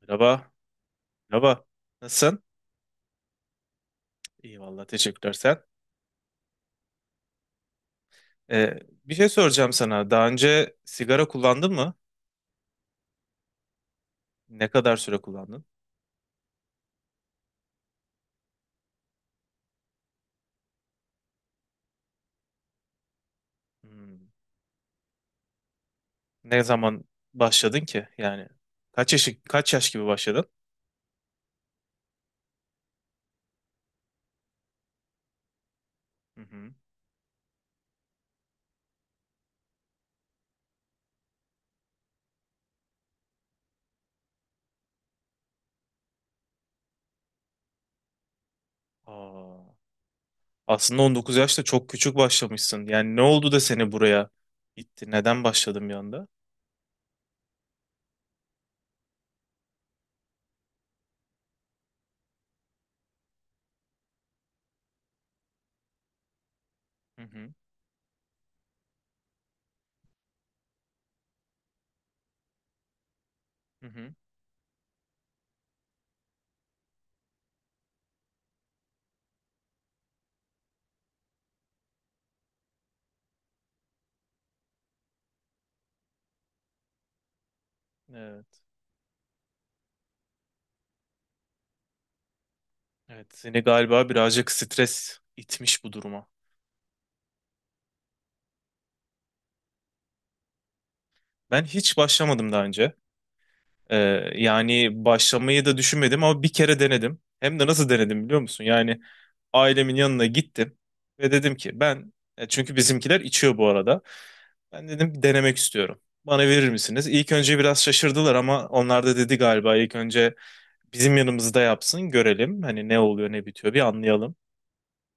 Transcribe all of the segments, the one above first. Merhaba. Merhaba. Nasılsın? İyi valla teşekkürler sen. Ee, Bir şey soracağım sana. Daha önce sigara kullandın mı? Ne kadar süre kullandın? Hmm. Ne zaman başladın ki? Yani kaç yaş gibi başladın? Hı hı. Aa, aslında 19 yaşta çok küçük başlamışsın. Yani ne oldu da seni buraya itti? Neden başladın bir anda? Hı hı. Hı hı. Evet. Evet, seni galiba birazcık stres itmiş bu duruma. Ben hiç başlamadım daha önce. Ee, Yani başlamayı da düşünmedim ama bir kere denedim. Hem de nasıl denedim biliyor musun? Yani ailemin yanına gittim ve dedim ki ben çünkü bizimkiler içiyor bu arada. Ben dedim denemek istiyorum. Bana verir misiniz? İlk önce biraz şaşırdılar ama onlar da dedi galiba ilk önce bizim yanımızda yapsın görelim. Hani ne oluyor ne bitiyor bir anlayalım.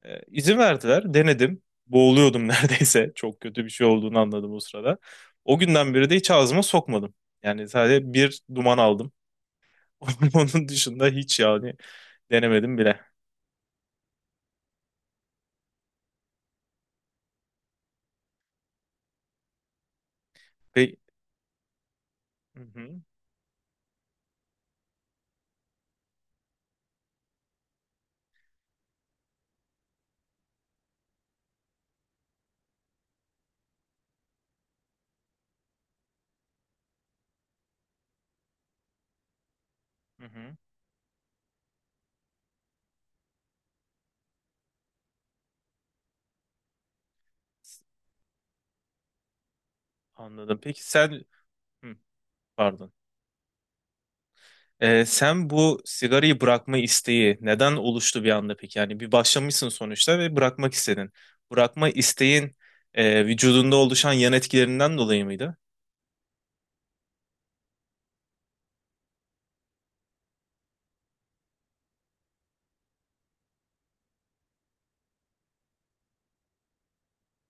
İzin verdiler denedim. Boğuluyordum neredeyse. Çok kötü bir şey olduğunu anladım o sırada. O günden beri de hiç ağzıma sokmadım. Yani sadece bir duman aldım. Onun dışında hiç yani denemedim bile. Peki, hı hı, hı hı. Anladım. Peki sen, hı, pardon. Sen bu sigarayı bırakma isteği neden oluştu bir anda peki? Yani bir başlamışsın sonuçta ve bırakmak istedin. Bırakma isteğin vücudunda oluşan yan etkilerinden dolayı mıydı?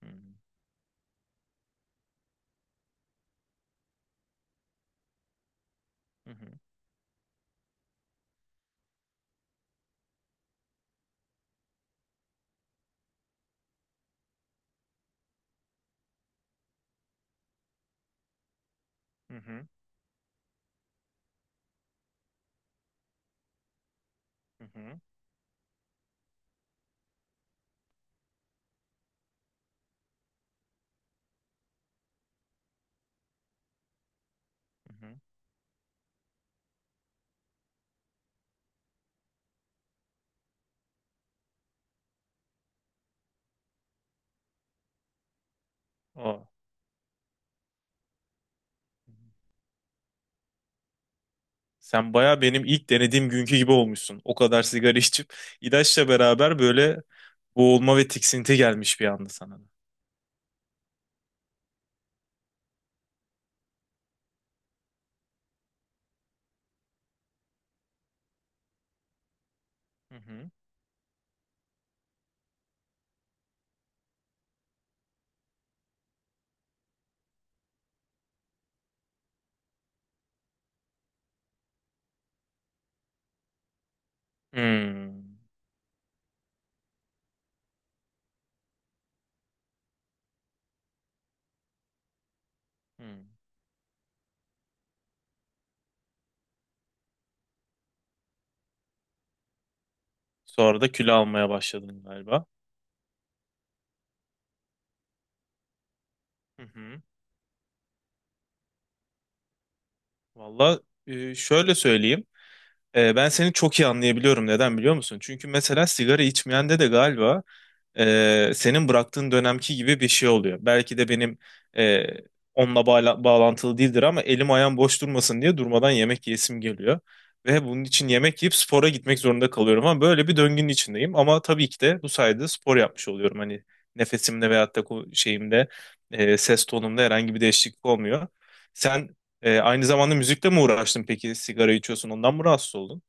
Hı hı, hı hı, hı hı, hı hı. Aa. Sen baya benim ilk denediğim günkü gibi olmuşsun. O kadar sigara içip ilaçla beraber böyle boğulma ve tiksinti gelmiş bir anda sana da. Hı hı. Hmm. Hmm. Sonra da kilo almaya başladın galiba. Hı hı. Valla şöyle söyleyeyim. Ben seni çok iyi anlayabiliyorum. Neden biliyor musun? Çünkü mesela sigara içmeyende de galiba senin bıraktığın dönemki gibi bir şey oluyor. Belki de benim e, bağlantılı değildir ama elim ayağım boş durmasın diye durmadan yemek yesim geliyor. Ve bunun için yemek yiyip spora gitmek zorunda kalıyorum ama böyle bir döngünün içindeyim. Ama tabii ki de bu sayede spor yapmış oluyorum. Hani nefesimde veyahut da şeyimde ses tonumda herhangi bir değişiklik olmuyor. Sen aynı zamanda müzikle mi uğraştın peki? Sigara içiyorsun ondan mı rahatsız oldun?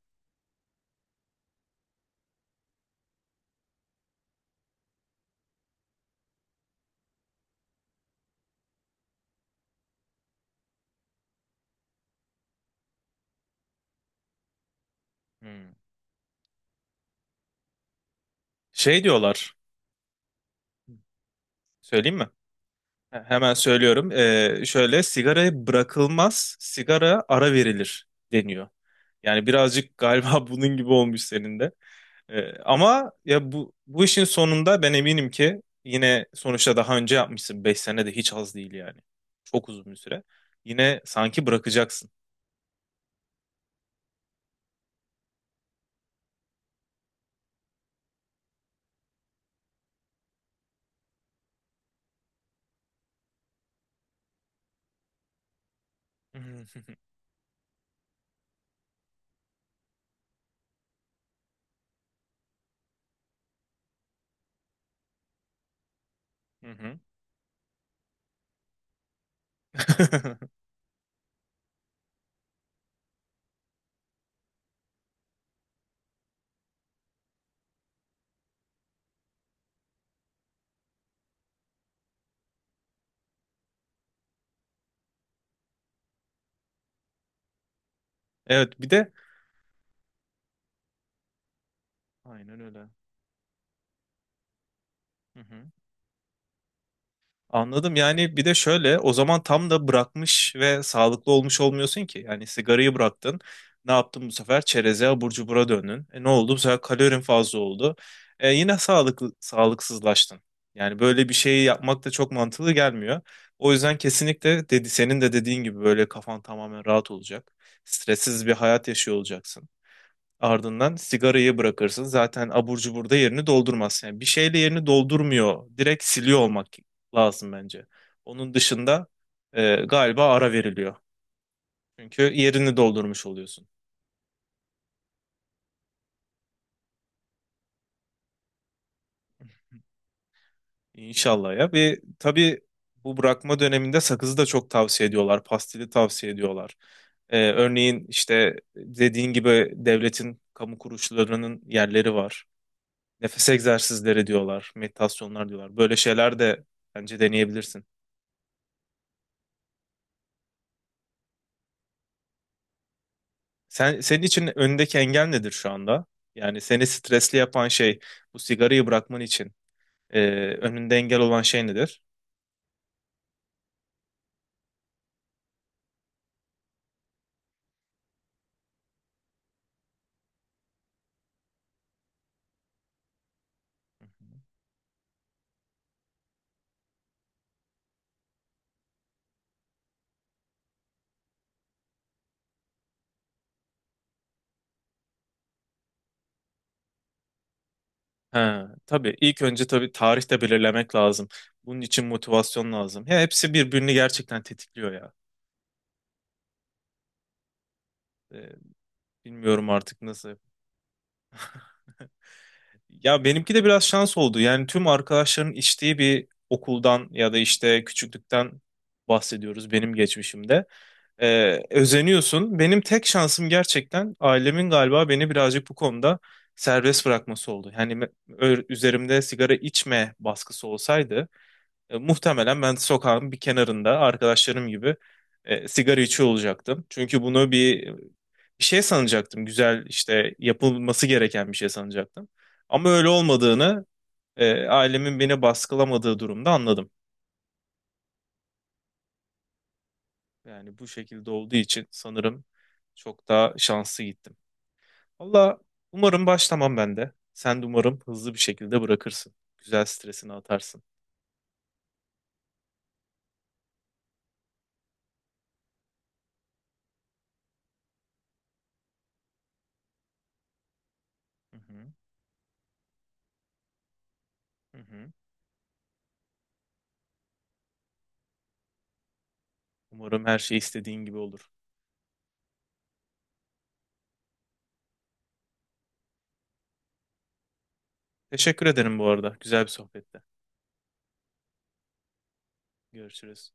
Hmm. Şey diyorlar, söyleyeyim mi? Hemen söylüyorum. Şöyle sigaraya bırakılmaz, sigara ara verilir deniyor. Yani birazcık galiba bunun gibi olmuş senin de. Ama ya bu işin sonunda ben eminim ki yine sonuçta daha önce yapmışsın. Beş sene de hiç az değil yani. Çok uzun bir süre. Yine sanki bırakacaksın. Hı hı. Hı hı. Evet bir de aynen öyle. Hı hı. Anladım. Yani bir de şöyle o zaman tam da bırakmış ve sağlıklı olmuş olmuyorsun ki. Yani sigarayı bıraktın. Ne yaptın bu sefer? Çereze, abur cubura döndün. E ne oldu? Bu sefer kalorin fazla oldu. E yine sağlıklı, sağlıksızlaştın. Yani böyle bir şeyi yapmak da çok mantıklı gelmiyor. O yüzden kesinlikle dedi, senin de dediğin gibi böyle kafan tamamen rahat olacak. Stressiz bir hayat yaşıyor olacaksın. Ardından sigarayı bırakırsın. Zaten abur cubur da yerini doldurmaz. Yani bir şeyle yerini doldurmuyor. Direkt siliyor olmak lazım bence. Onun dışında galiba ara veriliyor. Çünkü yerini doldurmuş oluyorsun. İnşallah ya. Ve tabii bu bırakma döneminde sakızı da çok tavsiye ediyorlar. Pastili tavsiye ediyorlar. Örneğin işte dediğin gibi devletin kamu kuruluşlarının yerleri var. Nefes egzersizleri diyorlar, meditasyonlar diyorlar. Böyle şeyler de bence deneyebilirsin. Sen, senin için önündeki engel nedir şu anda? Yani seni stresli yapan şey bu sigarayı bırakman için e, önünde engel olan şey nedir? Ha, tabii ilk önce tabii tarih de belirlemek lazım. Bunun için motivasyon lazım. Ya hepsi birbirini gerçekten tetikliyor ya. E, Bilmiyorum artık nasıl. Ya benimki de biraz şans oldu. Yani tüm arkadaşların içtiği bir okuldan ya da işte küçüklükten bahsediyoruz benim geçmişimde. Özeniyorsun. Benim tek şansım gerçekten ailemin galiba beni birazcık bu konuda serbest bırakması oldu. Yani üzerimde sigara içme baskısı olsaydı muhtemelen ben sokağın bir kenarında arkadaşlarım gibi sigara içiyor olacaktım. Çünkü bunu bir şey sanacaktım. Güzel işte yapılması gereken bir şey sanacaktım. Ama öyle olmadığını ailemin beni baskılamadığı durumda anladım. Yani bu şekilde olduğu için sanırım çok daha şanslı gittim. Valla umarım başlamam ben de. Sen de umarım hızlı bir şekilde bırakırsın. Güzel stresini atarsın. Hı hı, hı hı. Umarım her şey istediğin gibi olur. Teşekkür ederim bu arada. Güzel bir sohbette. Görüşürüz.